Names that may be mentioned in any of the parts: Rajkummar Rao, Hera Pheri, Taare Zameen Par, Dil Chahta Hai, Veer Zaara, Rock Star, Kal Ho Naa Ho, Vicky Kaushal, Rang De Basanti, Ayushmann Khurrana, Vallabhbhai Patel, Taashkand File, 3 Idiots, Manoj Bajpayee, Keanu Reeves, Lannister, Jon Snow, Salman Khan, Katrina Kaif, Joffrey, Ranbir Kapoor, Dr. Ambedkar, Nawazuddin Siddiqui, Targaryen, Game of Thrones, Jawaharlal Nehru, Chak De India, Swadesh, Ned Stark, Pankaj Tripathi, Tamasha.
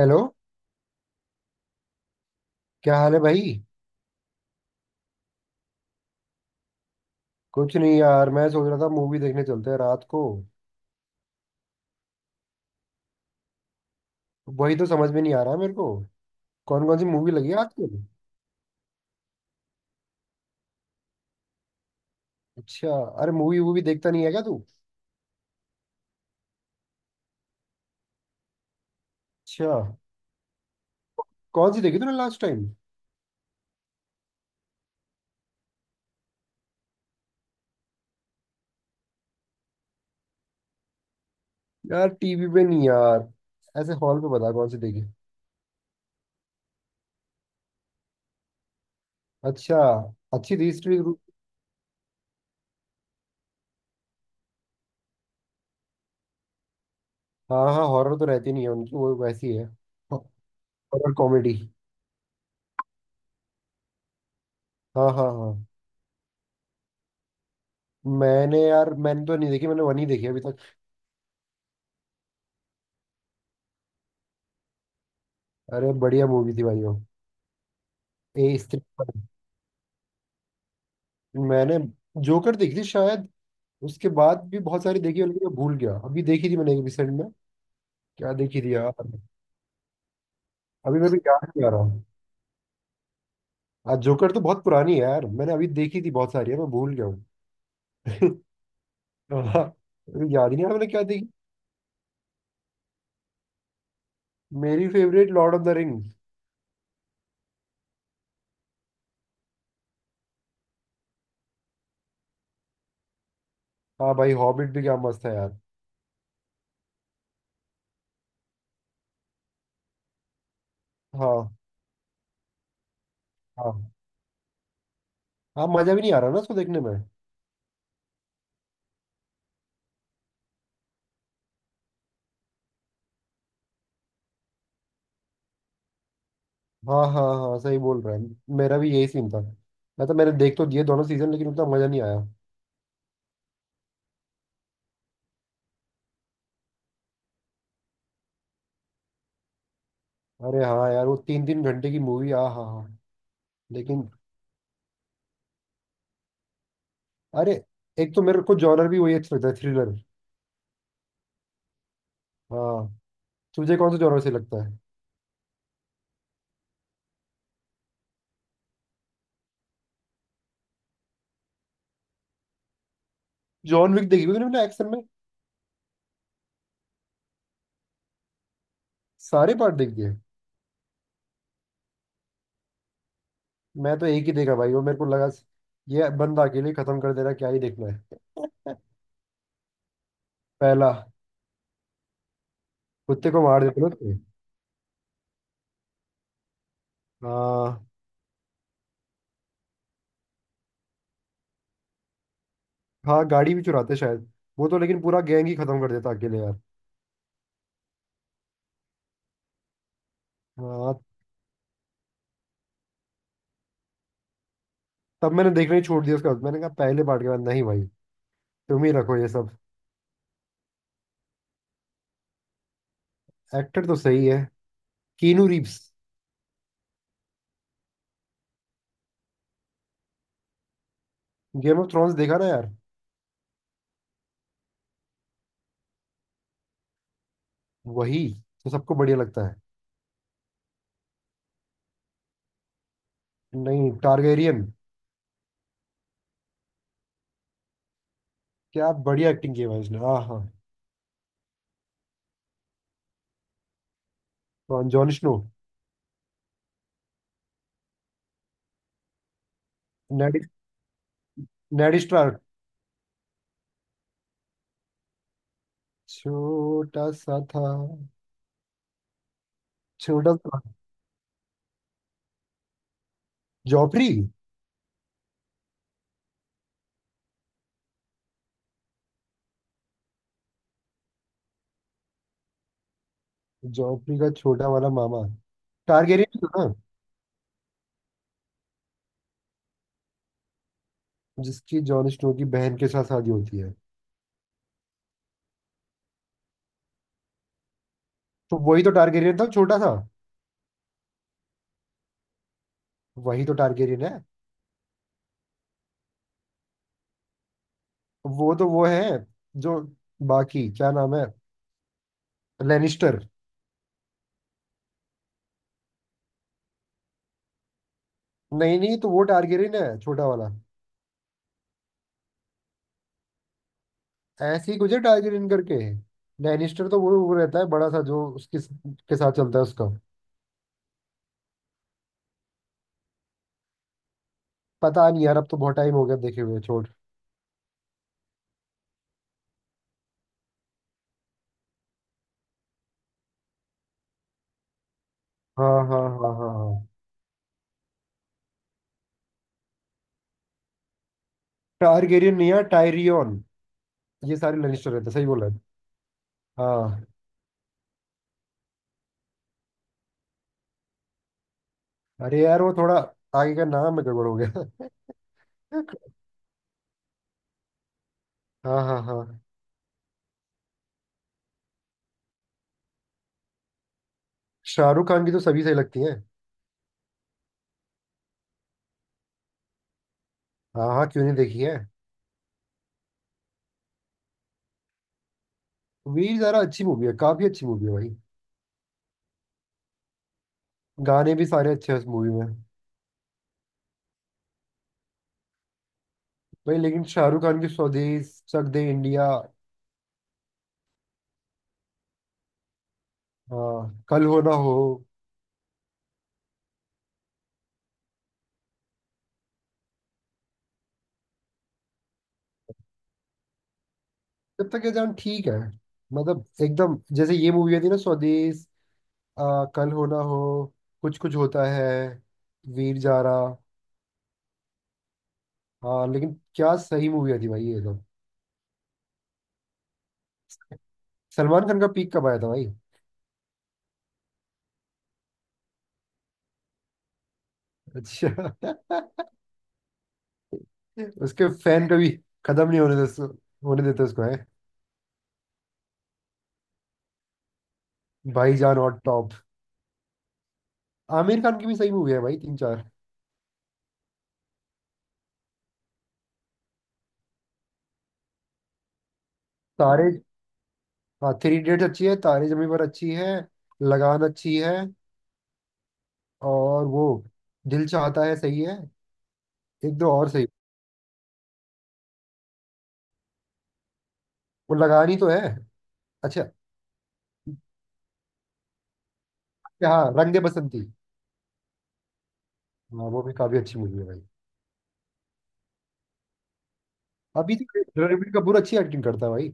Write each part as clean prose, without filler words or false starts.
Hello. क्या हाल है भाई? कुछ नहीं यार, मैं सोच रहा था मूवी देखने चलते हैं रात को। वही तो समझ में नहीं आ रहा है मेरे को। कौन कौन सी मूवी लगी है आजकल? अच्छा। अरे मूवी वूवी देखता नहीं है क्या तू? अच्छा। कौन सी देखी तूने लास्ट टाइम? यार टीवी पे नहीं यार, ऐसे हॉल पे बता कौन सी देखी। अच्छा। अच्छी थी हिस्ट्री? हाँ हाँ, हॉरर तो रहती नहीं है उनकी, वो वैसी है हॉरर कॉमेडी। हाँ हाँ हाँ। मैंने, यार मैंने तो नहीं देखी, मैंने वन ही देखी अभी तक। अरे बढ़िया मूवी थी भाई वो। ए स्त्री। मैंने जोकर देखी थी शायद। उसके बाद भी बहुत सारी देखी है लेकिन मैं भूल गया अभी देखी थी मैंने रिसेंट में। क्या देखी थी यार, अभी मैं भी याद नहीं आ रहा हूँ। आज जोकर तो बहुत पुरानी है यार, मैंने अभी देखी थी बहुत सारी है मैं भूल गया हूँ। हाँ, अभी याद ही नहीं आ रहा मैंने क्या देखी। मेरी favourite Lord of the Rings. हाँ भाई, हॉबिट भी क्या मस्त है यार। हाँ। हाँ, हाँ मजा भी नहीं आ रहा ना उसको देखने में। हाँ हाँ हाँ, सही बोल रहा है। मेरा भी यही सीन था। मैं तो, मैंने देख तो दिए दोनों सीजन लेकिन उतना मजा नहीं आया। अरे हाँ यार, वो तीन तीन घंटे की मूवी। आ हाँ हाँ। लेकिन अरे, एक तो मेरे को जॉनर भी वही अच्छा लगता है, थ्रिलर। हाँ। तुझे कौन सा जॉनर से लगता है? जॉन विक देखी? क्योंकि मैंने एक्शन में। सारे पार्ट देख दिए? मैं तो एक ही देखा भाई, वो मेरे को लगा ये बंदा अकेले ही खत्म कर देना क्या ही देखना है। पहला। कुत्ते को मार देते ना उसके। हाँ। हाँ, गाड़ी भी चुराते शायद। वो तो लेकिन पूरा गैंग ही खत्म कर देता अकेले यार। हाँ। तब मैंने देखना ही छोड़ दिया उसका, मैंने कहा पहले पार्ट के बाद नहीं भाई, तुम ही रखो ये सब। एक्टर तो सही है। Keanu Reeves. Game of Thrones देखा ना यार। वही तो सबको बढ़िया लगता है। नहीं, टारगेरियन। क्या बढ़िया एक्टिंग की है भाई उसने। हाँ हाँ। तो Jon Snow. Ned. Ned Stark. छोटा सा था। छोटा सा। जॉफरी। जॉफरी का छोटा वाला मामा। टारगेरियन था ना, जिसकी जॉन स्नो की बहन के साथ शादी होती है। तो वही तो टारगेरियन था छोटा सा। वही तो टारगेरियन है। वो तो वो है जो। बाकी क्या नाम है? लेनिस्टर। नहीं नहीं, तो वो टारगेरियन है छोटा वाला। ऐसे ही कुछ है टाइगर इन करके। लैनिस्टर तो वो रहता है बड़ा सा, जो उसके के साथ चलता है उसका। पता नहीं यार, अब तो बहुत टाइम हो गया देखे हुए, छोड़। हाँ हाँ हाँ हाँ हाँ। टारगेरियन नहीं यार, टायरियन। ये सारे लैनिस्टर रहते हैं, सही बोला है। हाँ। अरे यार वो थोड़ा आगे का नाम में गड़बड़ हो गया। हाँ हाँ हाँ। शाहरुख खान की तो सभी सही लगती है। हाँ हाँ, क्यों नहीं देखी है। वीर ज़ारा अच्छी मूवी है, काफी अच्छी मूवी है भाई। गाने भी सारे अच्छे हैं उस मूवी में। भाई लेकिन शाहरुख खान की स्वदेश, चक दे इंडिया। हाँ, कल हो ना हो। जब तक ये जान ठीक है। मतलब एकदम जैसे ये मूवी थी ना, स्वदेश, आ, कल हो ना हो, कुछ कुछ होता है, वीर जारा। हाँ लेकिन क्या सही मूवी थी भाई ये तो। सलमान खान का पीक कब आया था भाई? अच्छा। उसके फैन कभी खत्म नहीं होने देते, होने देते उसको है। भाईजान और टॉप। आमिर खान की भी सही मूवी है भाई, तीन चार। तारे। हाँ, थ्री इडियट्स अच्छी है, तारे जमीन पर अच्छी है, लगान अच्छी है। और वो दिल चाहता है सही है। एक दो और सही। वो लगानी तो है। अच्छा। हाँ, रंग दे बसंती। हाँ वो भी काफी अच्छी मूवी है भाई। अभी तो रणबीर कपूर अच्छी एक्टिंग करता है भाई।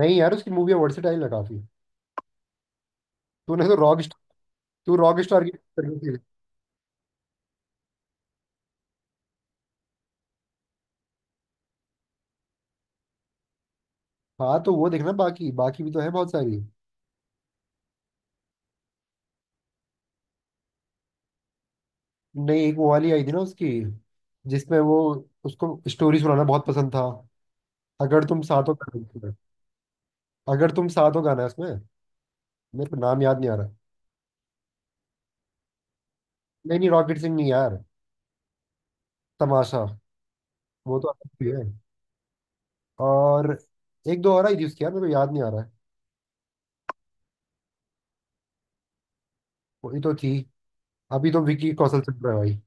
नहीं यार, उसकी मूवी वर्सेटाइल है काफी। तूने तो रॉक। तू रॉक स्टार की तरफ से-। हाँ, तो वो देखना, बाकी बाकी भी तो है बहुत सारी। नहीं एक वो वाली आई थी ना उसकी, जिसमें वो उसको स्टोरी सुनाना बहुत पसंद था। अगर तुम साथ हो गाना है। अगर तुम साथ हो गाना है उसमें। मेरे को नाम याद नहीं आ रहा। नहीं नहीं, रॉकेट सिंह नहीं यार। तमाशा। वो तो अलग भी है। और एक दो और आई थी उसकी यार, मेरे को याद नहीं आ रहा है। वो ये तो थी। अभी तो विकी कौशल चल रहा है भाई।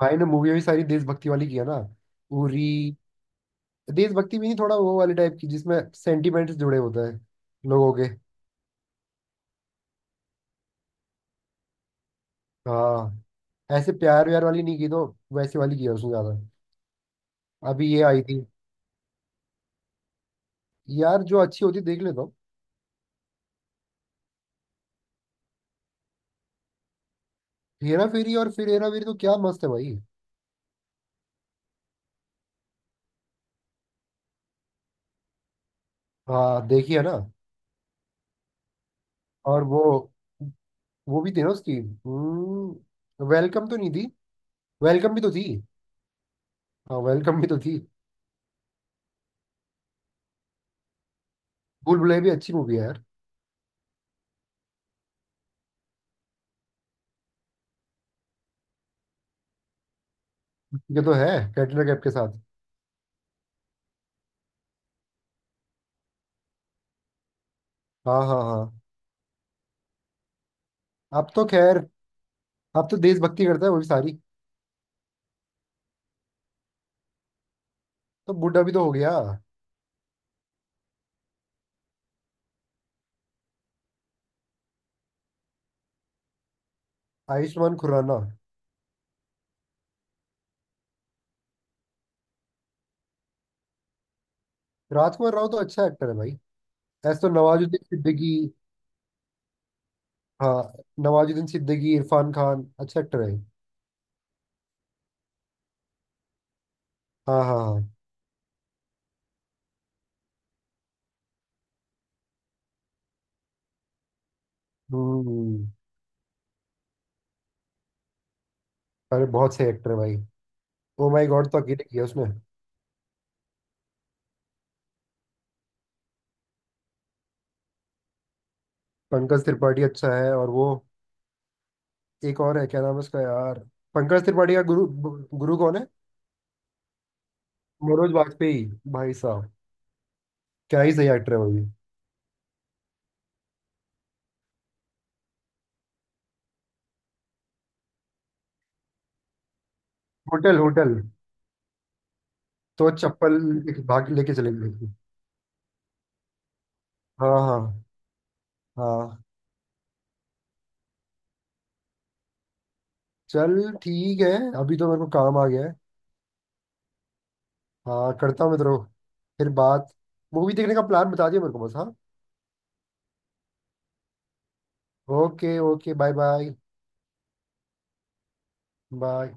भाई ने मूवी भी सारी देशभक्ति वाली किया ना। पूरी देशभक्ति भी नहीं, थोड़ा वो वाले टाइप की जिसमें सेंटिमेंट्स जुड़े होते हैं। लोगों के। हाँ। ऐसे प्यार व्यार वाली नहीं की तो, वैसे वाली की है उसने ज्यादा। अभी ये आई थी। यार जो अच्छी होती देख लेता हूँ। हेरा फेरी और फिर हेरा फेरी तो क्या मस्त है भाई। हाँ देखी है ना। और वो भी थी ना उसकी। वेलकम तो नहीं थी? वेलकम भी तो थी। हाँ वेलकम भी तो थी। भूल भुलैया भी अच्छी मूवी है यार। ये तो है, कैटरीना कैफ के साथ। हाँ हाँ हाँ। अब तो खैर, अब तो देशभक्ति करता है वो भी सारी। तो बूढ़ा भी तो हो गया। आयुष्मान खुराना। राजकुमार राव तो अच्छा एक्टर है भाई। ऐसे तो नवाजुद्दीन सिद्दीकी। हाँ। नवाजुद्दीन सिद्दीकी, इरफान खान अच्छा एक्टर है। हाँ हाँ हाँ। हम्म। अरे बहुत सही एक्टर है भाई। ओ माई गॉड तो अकेले किया उसने। पंकज त्रिपाठी अच्छा है। और वो, एक और है, क्या नाम है उसका यार, पंकज त्रिपाठी का गुरु। गुरु कौन है? मनोज वाजपेयी। भाई साहब, क्या ही सही एक्टर है वो भी। Hotel hotel. तो चप्पल एक भाग लेके चले गए थे। हाँ हाँ हाँ। चल ठीक है, अभी तो मेरे को काम आ गया है। हाँ, करता हूँ मैं तेरे को फिर बात। मूवी देखने का प्लान बता दिया मेरे को बस, हाँ। Okay okay, bye bye. Bye.